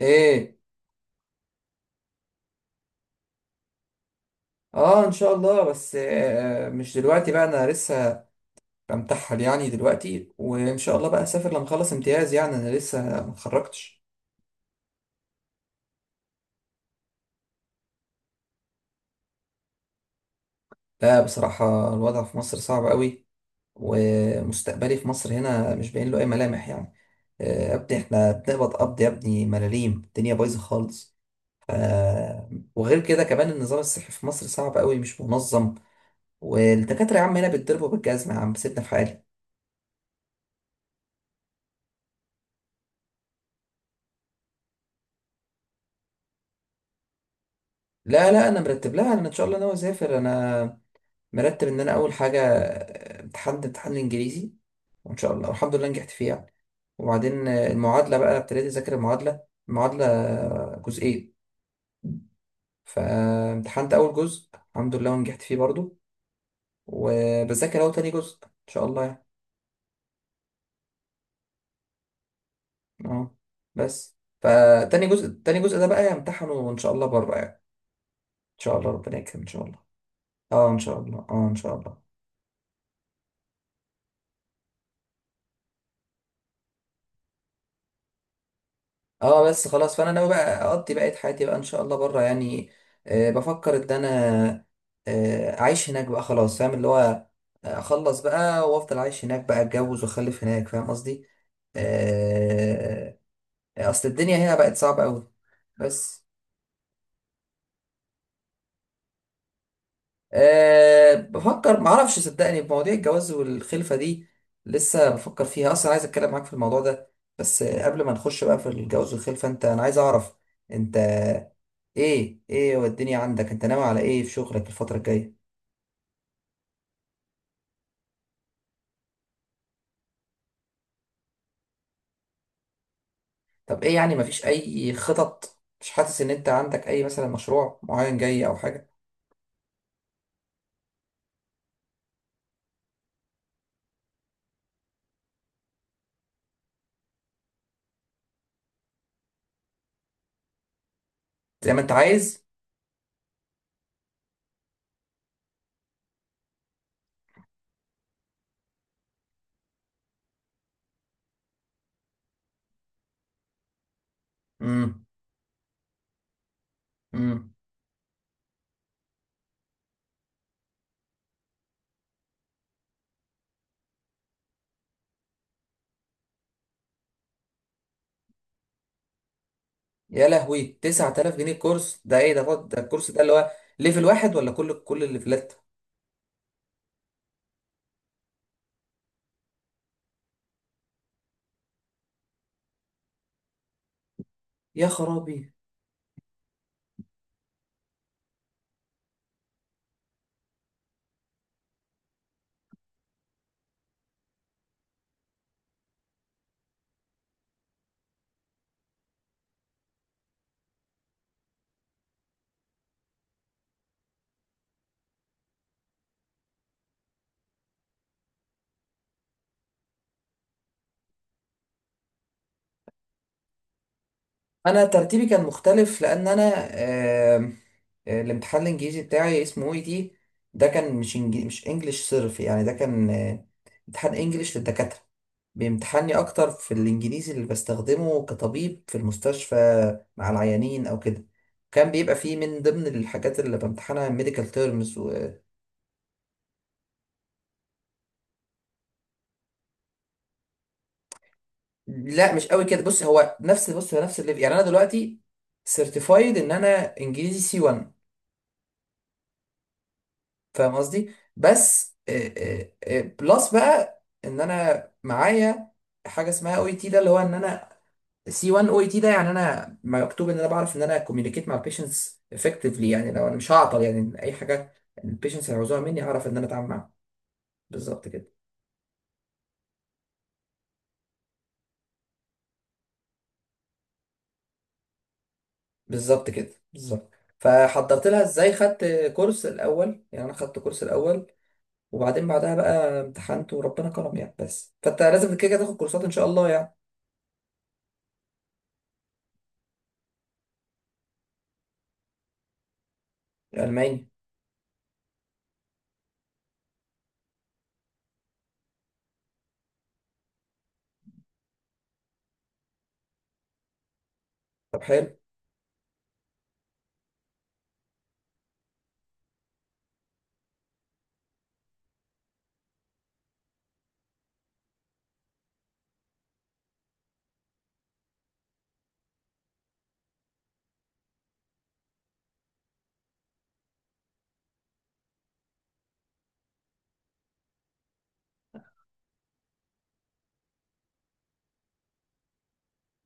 ايه. اه، ان شاء الله. بس مش دلوقتي بقى، انا لسه بمتحل يعني دلوقتي، وان شاء الله بقى اسافر لما اخلص امتياز يعني. انا لسه ما اتخرجتش. لا، بصراحة الوضع في مصر صعب قوي، ومستقبلي في مصر هنا مش باين له اي ملامح يعني. آه يا ابني احنا بنقبض قبض يا ابني، ملاليم، الدنيا بايظة خالص. ف... وغير كده كمان، النظام الصحي في مصر صعب قوي، مش منظم، والدكاترة يا عم هنا بيتضربوا بالجزمة. يا عم سيبنا في حالي. لا، انا مرتب لها. انا ان شاء الله ناوي اسافر. انا مرتب ان انا اول حاجه امتحان الانجليزي، وان شاء الله والحمد لله نجحت فيه يعني. وبعدين المعادله، بقى ابتديت اذاكر المعادله جزئين. فامتحنت اول جزء الحمد لله ونجحت فيه برضو، وبذاكر اهو تاني جزء ان شاء الله يعني. اه. بس فتاني جزء ده بقى امتحنه ان شاء الله بره يعني. ان شاء الله ربنا يكرم، ان شاء الله. اه ان شاء الله، اه ان شاء الله. اه بس خلاص، فانا ناوي بقى اقضي بقية حياتي بقى ان شاء الله بره يعني. آه بفكر ان انا اعيش هناك بقى خلاص، فاهم؟ اللي هو اخلص بقى وافضل عايش هناك بقى، اتجوز واخلف هناك، فاهم قصدي؟ آه. اصل الدنيا هنا بقت صعبة قوي. بس. آه بفكر، معرفش صدقني، بمواضيع الجواز والخلفة دي لسه بفكر فيها اصلا. عايز اتكلم معاك في الموضوع ده. بس قبل ما نخش بقى في الجواز والخلفة، انت، انا عايز اعرف انت، ايه والدنيا عندك؟ انت ناوي على ايه في شغلك الفترة الجاية؟ طب ايه يعني؟ مفيش اي خطط؟ مش حاسس ان انت عندك اي مثلا مشروع معين جاي او حاجة؟ زي ما انت عايز. امم. امم. يا لهوي، 9000 جنيه الكورس ده؟ ايه ده؟ ده الكورس ده اللي هو ليفل واحد، ولا كل الليفلات؟ يا خرابي. انا ترتيبي كان مختلف، لان انا الامتحان الانجليزي بتاعي اسمه اي تي. ده كان مش انجليش صرف يعني. ده كان امتحان انجليش للدكاترة. بيمتحني اكتر في الانجليزي اللي بستخدمه كطبيب في المستشفى مع العيانين او كده. كان بيبقى فيه من ضمن الحاجات اللي بامتحنها ميديكال تيرمز لا، مش قوي كده. بص هو نفس الليفل، يعني انا دلوقتي سيرتيفايد ان انا انجليزي سي C1، فاهم قصدي؟ بس بلس بقى ان انا معايا حاجه اسمها او اي تي، ده اللي هو ان انا سي C1 او اي تي ده، يعني انا مكتوب ان انا بعرف ان انا كوميونيكيت مع البيشنتس افكتفلي. يعني لو انا مش هعطل يعني اي حاجه البيشنتس هيعوزوها مني، هعرف ان انا اتعامل معاها. بالظبط كده بالظبط كده بالظبط. فحضرت لها ازاي؟ خدت كورس الاول. يعني انا خدت كورس الاول، وبعدين بعدها بقى امتحنت وربنا كرم يعني. بس فانت لازم كده كده تاخد كورسات ان شاء الله يعني. الماني. طب حلو.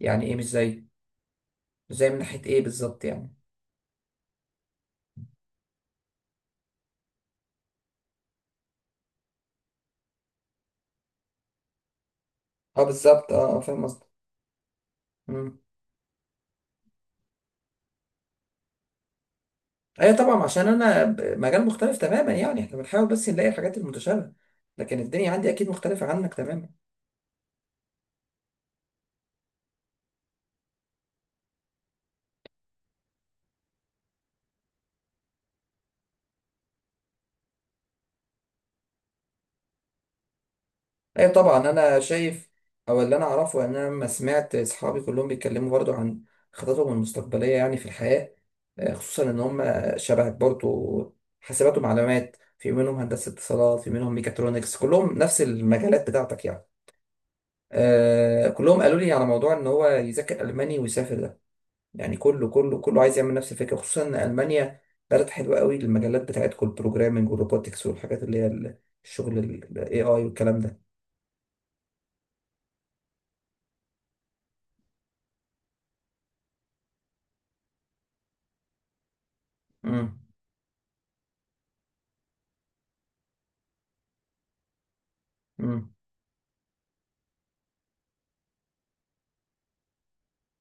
يعني ايه مش زي؟ ازاي من ناحية ايه بالظبط يعني؟ اه، بالظبط، اه فاهم قصدك. مم. ايوه طبعا، عشان انا مجال مختلف تماما يعني، احنا بنحاول بس نلاقي الحاجات المتشابهة، لكن الدنيا عندي اكيد مختلفة عنك تماما. ايوه طبعا، انا شايف. او اللي انا اعرفه ان انا لما سمعت اصحابي كلهم بيتكلموا برضو عن خططهم المستقبلية يعني في الحياة، خصوصا ان هم شبهك برضو، حاسبات ومعلومات، في منهم هندسة اتصالات، في منهم ميكاترونكس، كلهم نفس المجالات بتاعتك يعني. آه كلهم قالوا لي على موضوع ان هو يذاكر الماني ويسافر ده، يعني كله عايز يعمل نفس الفكره، خصوصا ان المانيا بلد حلوه قوي للمجالات بتاعتكم، البروجرامنج والروبوتكس والحاجات اللي هي الشغل الاي اي والكلام ده. امم. امم.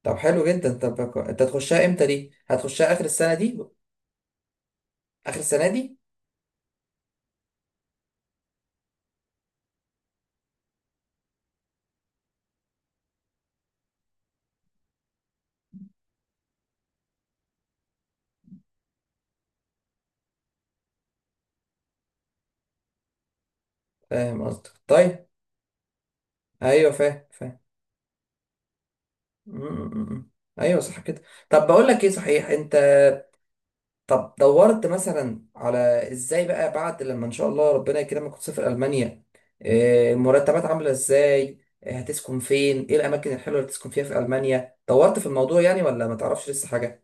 طب حلو جدا. طب انت هتخشها امتى؟ دي هتخشها اخر السنه دي؟ اخر السنه دي. فاهم قصدك، طيب. ايوه فاهم. أمم، أمم، أمم. ايوه صح كده. طب بقول لك ايه، صحيح انت، طب دورت مثلا على، ازاي بقى بعد لما ان شاء الله ربنا يكرمك وتسافر المانيا، المرتبات عامله ازاي؟ هتسكن فين؟ ايه الاماكن الحلوه اللي تسكن فيها في المانيا؟ دورت في الموضوع يعني ولا ما تعرفش لسه حاجه؟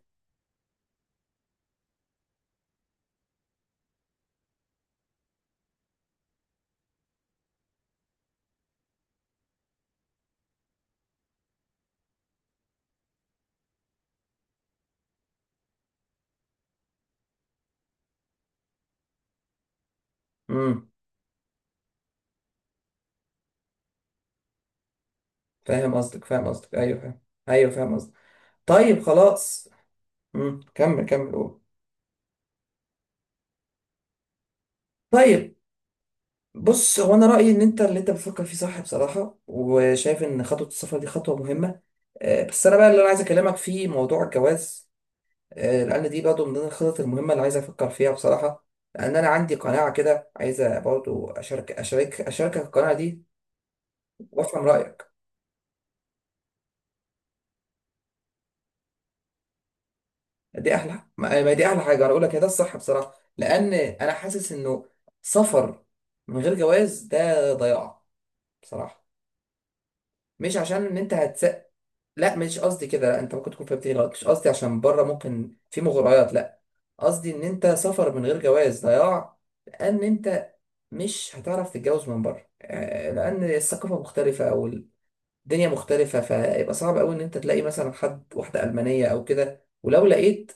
امم. فاهم قصدك، ايوه فاهم. ايوه فاهم قصدك. طيب، خلاص. امم، كمل قول. طيب بص، هو انا رايي ان انت اللي انت بتفكر فيه صح بصراحه، وشايف ان خطوه السفر دي خطوه مهمه. بس انا بقى اللي انا عايز اكلمك فيه موضوع الجواز، لان دي برضه من ضمن الخطط المهمه اللي عايز افكر فيها بصراحه، لان انا عندي قناعه كده عايز برضه اشارك اشاركك القناعه دي، وافهم رايك. دي احلى ما ما دي احلى حاجه انا اقول لك هي، ده الصح بصراحه، لان انا حاسس انه سفر من غير جواز ده ضياع بصراحه. مش عشان ان انت لا مش قصدي كده. لا، انت ممكن تكون فهمتني غلط، مش قصدي عشان بره ممكن في مغريات، لا. قصدي ان انت سفر من غير جواز ضياع، لان انت مش هتعرف تتجوز من بره، لان الثقافه مختلفه، او الدنيا مختلفه، فيبقى صعب قوي ان انت تلاقي مثلا حد، واحده المانيه او كده، ولو لقيت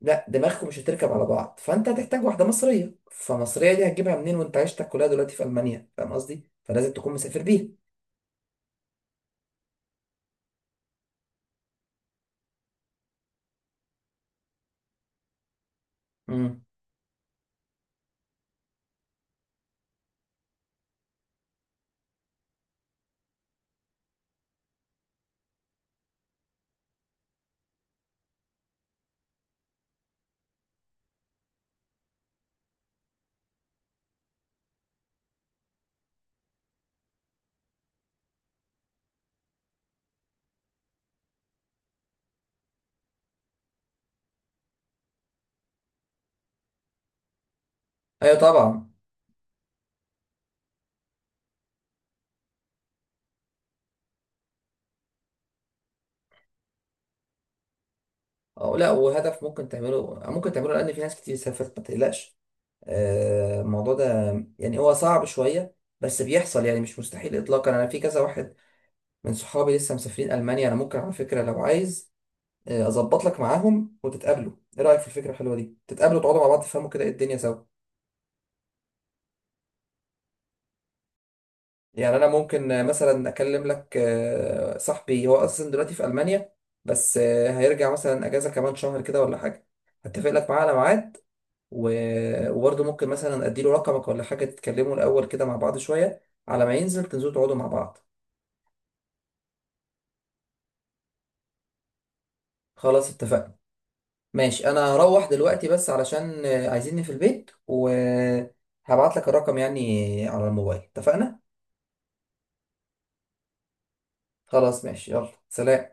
لا، دماغكم مش هتركب على بعض، فانت هتحتاج واحده مصريه، فمصريه دي هتجيبها منين وانت عيشتك كلها دلوقتي في المانيا؟ فاهم قصدي؟ فلازم تكون مسافر بيها. امم. ايوه طبعا. أو لا، وهدف ممكن تعمله، لان في ناس كتير سافرت، ما تقلقش. الموضوع ده يعني هو صعب شوية، بس بيحصل يعني، مش مستحيل إطلاقا. أنا في كذا واحد من صحابي لسه مسافرين ألمانيا. أنا ممكن على فكرة لو عايز أظبط لك معاهم وتتقابلوا. إيه رأيك في الفكرة الحلوة دي؟ تتقابلوا، تقعدوا مع بعض، تفهموا كده إيه الدنيا سوا. يعني أنا ممكن مثلا أكلم لك صاحبي، هو أصلا دلوقتي في ألمانيا، بس هيرجع مثلا أجازة كمان شهر كده ولا حاجة، هتفق لك معاه على ميعاد. وبرضه ممكن مثلا اديله رقمك ولا حاجه، تتكلموا الاول كده مع بعض شويه، على ما ينزل تنزلوا تقعدوا مع بعض. خلاص اتفقنا. ماشي، انا هروح دلوقتي بس علشان عايزيني في البيت، وهبعت لك الرقم يعني على الموبايل. اتفقنا؟ خلاص ماشي، يلا سلام.